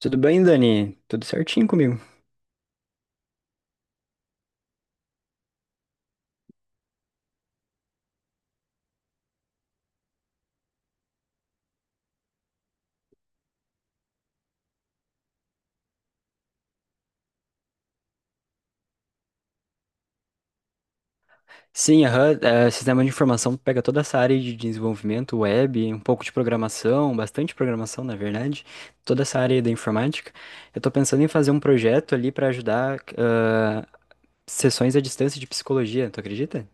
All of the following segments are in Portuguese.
Tudo bem, Dani? Tudo certinho comigo? Sim, aham, é, sistema de informação pega toda essa área de desenvolvimento web, um pouco de programação, bastante programação, na verdade, toda essa área da informática. Eu tô pensando em fazer um projeto ali para ajudar sessões à distância de psicologia, tu acredita?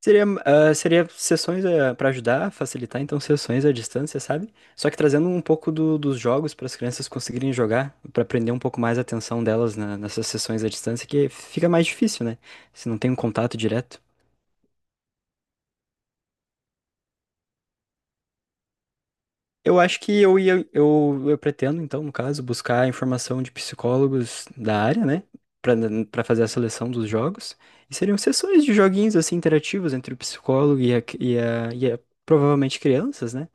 Seria, seria sessões para ajudar, facilitar, então, sessões à distância, sabe? Só que trazendo um pouco dos jogos para as crianças conseguirem jogar, para prender um pouco mais a atenção delas nessas sessões à distância, que fica mais difícil, né? Se não tem um contato direto. Eu acho que eu ia, eu pretendo, então, no caso, buscar informação de psicólogos da área, né? Para para fazer a seleção dos jogos. E seriam sessões de joguinhos, assim, interativos entre o psicólogo e a provavelmente crianças, né?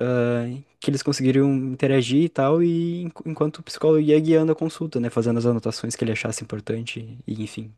ah, que eles conseguiriam interagir e tal, e enquanto o psicólogo ia guiando a consulta, né? Fazendo as anotações que ele achasse importante, e enfim.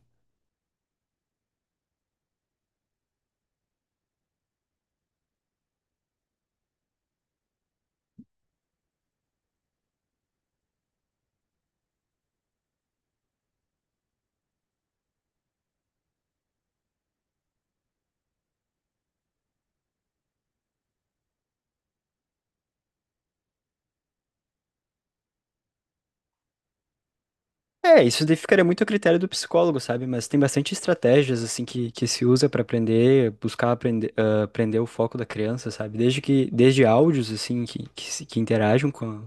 É, isso daí ficaria muito a critério do psicólogo, sabe? Mas tem bastante estratégias, assim, que se usa pra aprender, buscar aprender, aprender o foco da criança, sabe? Desde áudios, assim, que, se- que interagem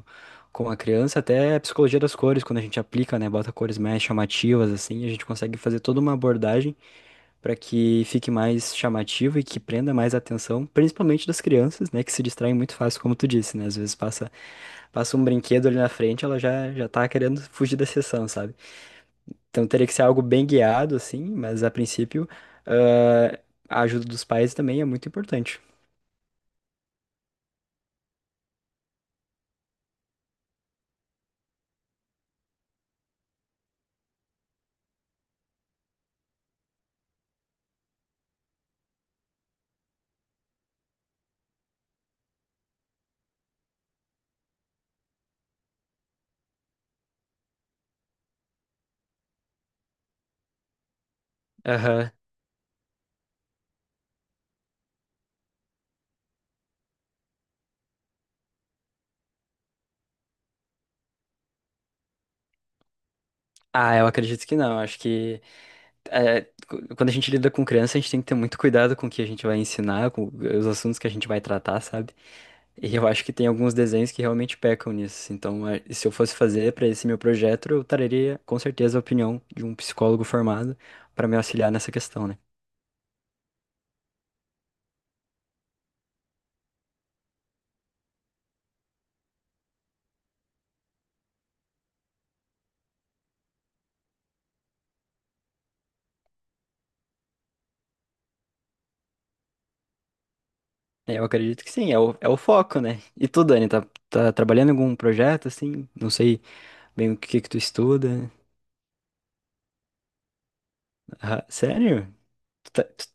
com a criança, até a psicologia das cores, quando a gente aplica, né? Bota cores mais chamativas, assim, a gente consegue fazer toda uma abordagem para que fique mais chamativo e que prenda mais a atenção, principalmente das crianças, né, que se distraem muito fácil, como tu disse, né? Às vezes passa um brinquedo ali na frente, ela já já tá querendo fugir da sessão, sabe? Então teria que ser algo bem guiado assim, mas a princípio, ah, a ajuda dos pais também é muito importante. Aham. Ah, eu acredito que não. Acho que é, cu- Quando a gente lida com criança, a gente tem que ter muito cuidado com o que a gente vai ensinar, com os assuntos que a gente vai tratar, sabe? E eu acho que tem alguns desenhos que realmente pecam nisso. Então, é, se eu fosse fazer para esse meu projeto, eu traria com certeza a opinião de um psicólogo formado para me auxiliar nessa questão, né? É, eu acredito que sim, é o foco, né? E tu, Dani, tá trabalhando em algum projeto, assim? Não sei bem o que que tu estuda. Ah, sério? Tu tá- tu-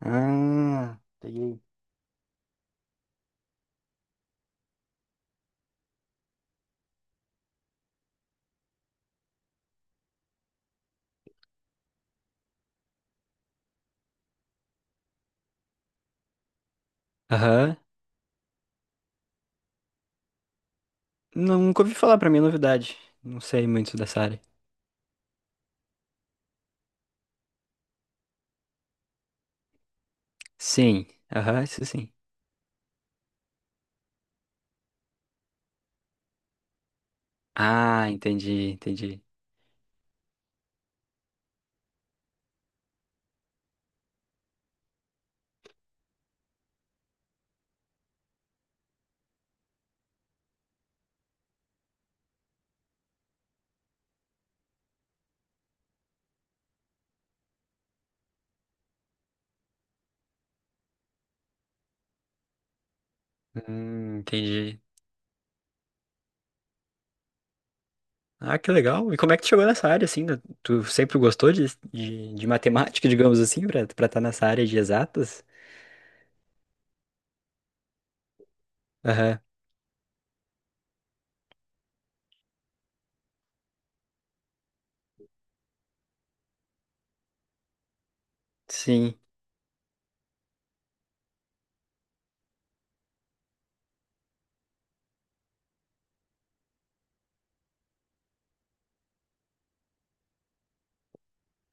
Ah, peguei. Aham. Nunca ouvi falar, pra mim é novidade. Não sei muito dessa área. Sim, aham, isso sim. Ah, entendi, entendi. Entendi. Ah, que legal. E como é que tu chegou nessa área, assim? Né? Tu sempre gostou de matemática, digamos assim, pra estar tá nessa área de exatas? Aham, sim.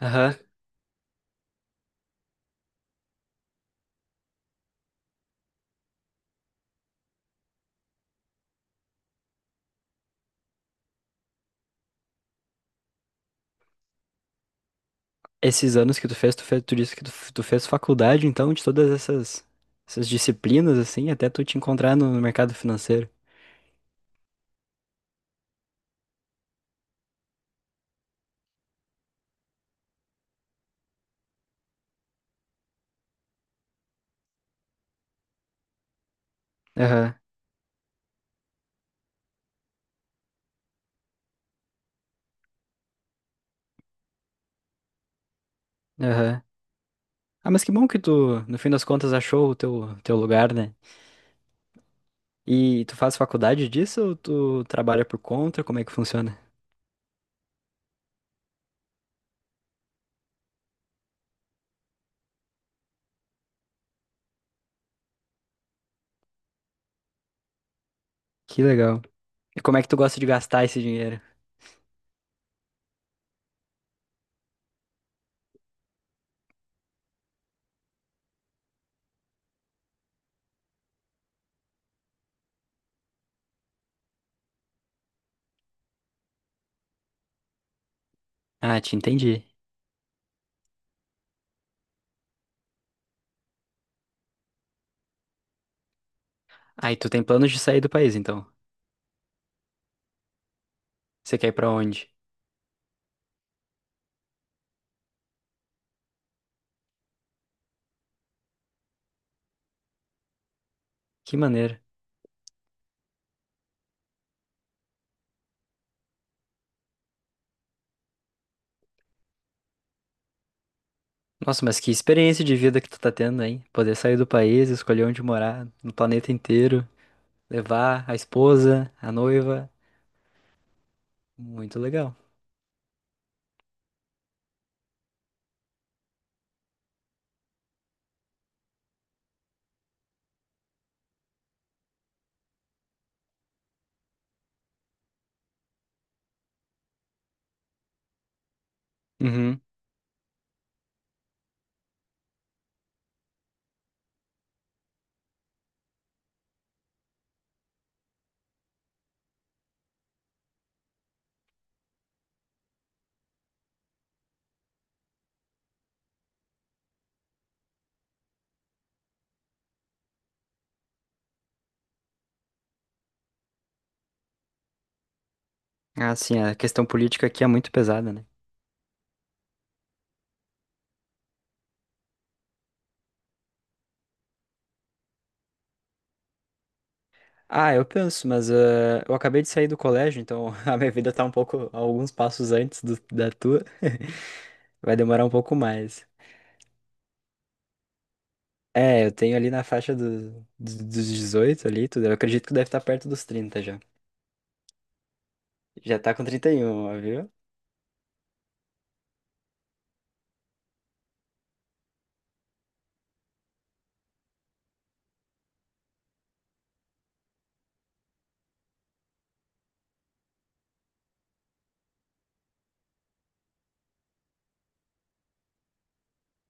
Aham. Esses anos que tu fez, tu disse que tu fez faculdade, então, essas disciplinas, assim, até tu te encontrar no mercado financeiro. Aham, aham. Ah, mas que bom que tu, no fim das contas, achou o teu lugar, né? E tu faz faculdade disso ou tu trabalha por conta? Como é que funciona? Que legal. E como é que tu gosta de gastar esse dinheiro? Ah, te entendi. Aí tu tem planos de sair do país, então. Você quer ir pra onde? Que maneira. Nossa, mas que experiência de vida que tu tá tendo, hein? Poder sair do país, escolher onde morar, no planeta inteiro, levar a esposa, a noiva. Muito legal. Uhum. Ah, sim, a questão política aqui é muito pesada, né? Ah, eu penso, mas eu acabei de sair do colégio, então a minha vida tá um pouco, alguns passos antes da tua. Vai demorar um pouco mais. É, eu tenho ali na faixa dos 18 ali, tudo. Eu acredito que deve estar perto dos 30 já. Já tá com 31, ó, viu?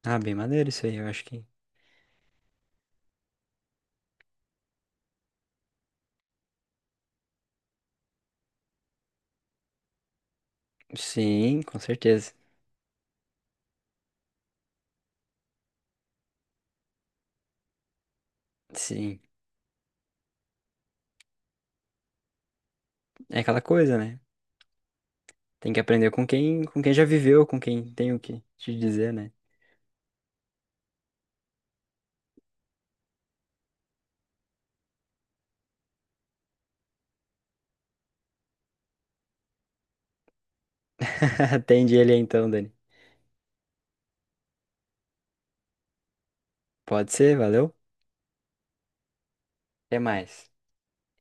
Ah, bem maneiro isso aí, eu acho que. Sim, com certeza. Sim. É aquela coisa, né? Tem que aprender com quem já viveu, com quem tem o que te dizer, né? Atende ele aí então, Dani. Pode ser, valeu? Até mais.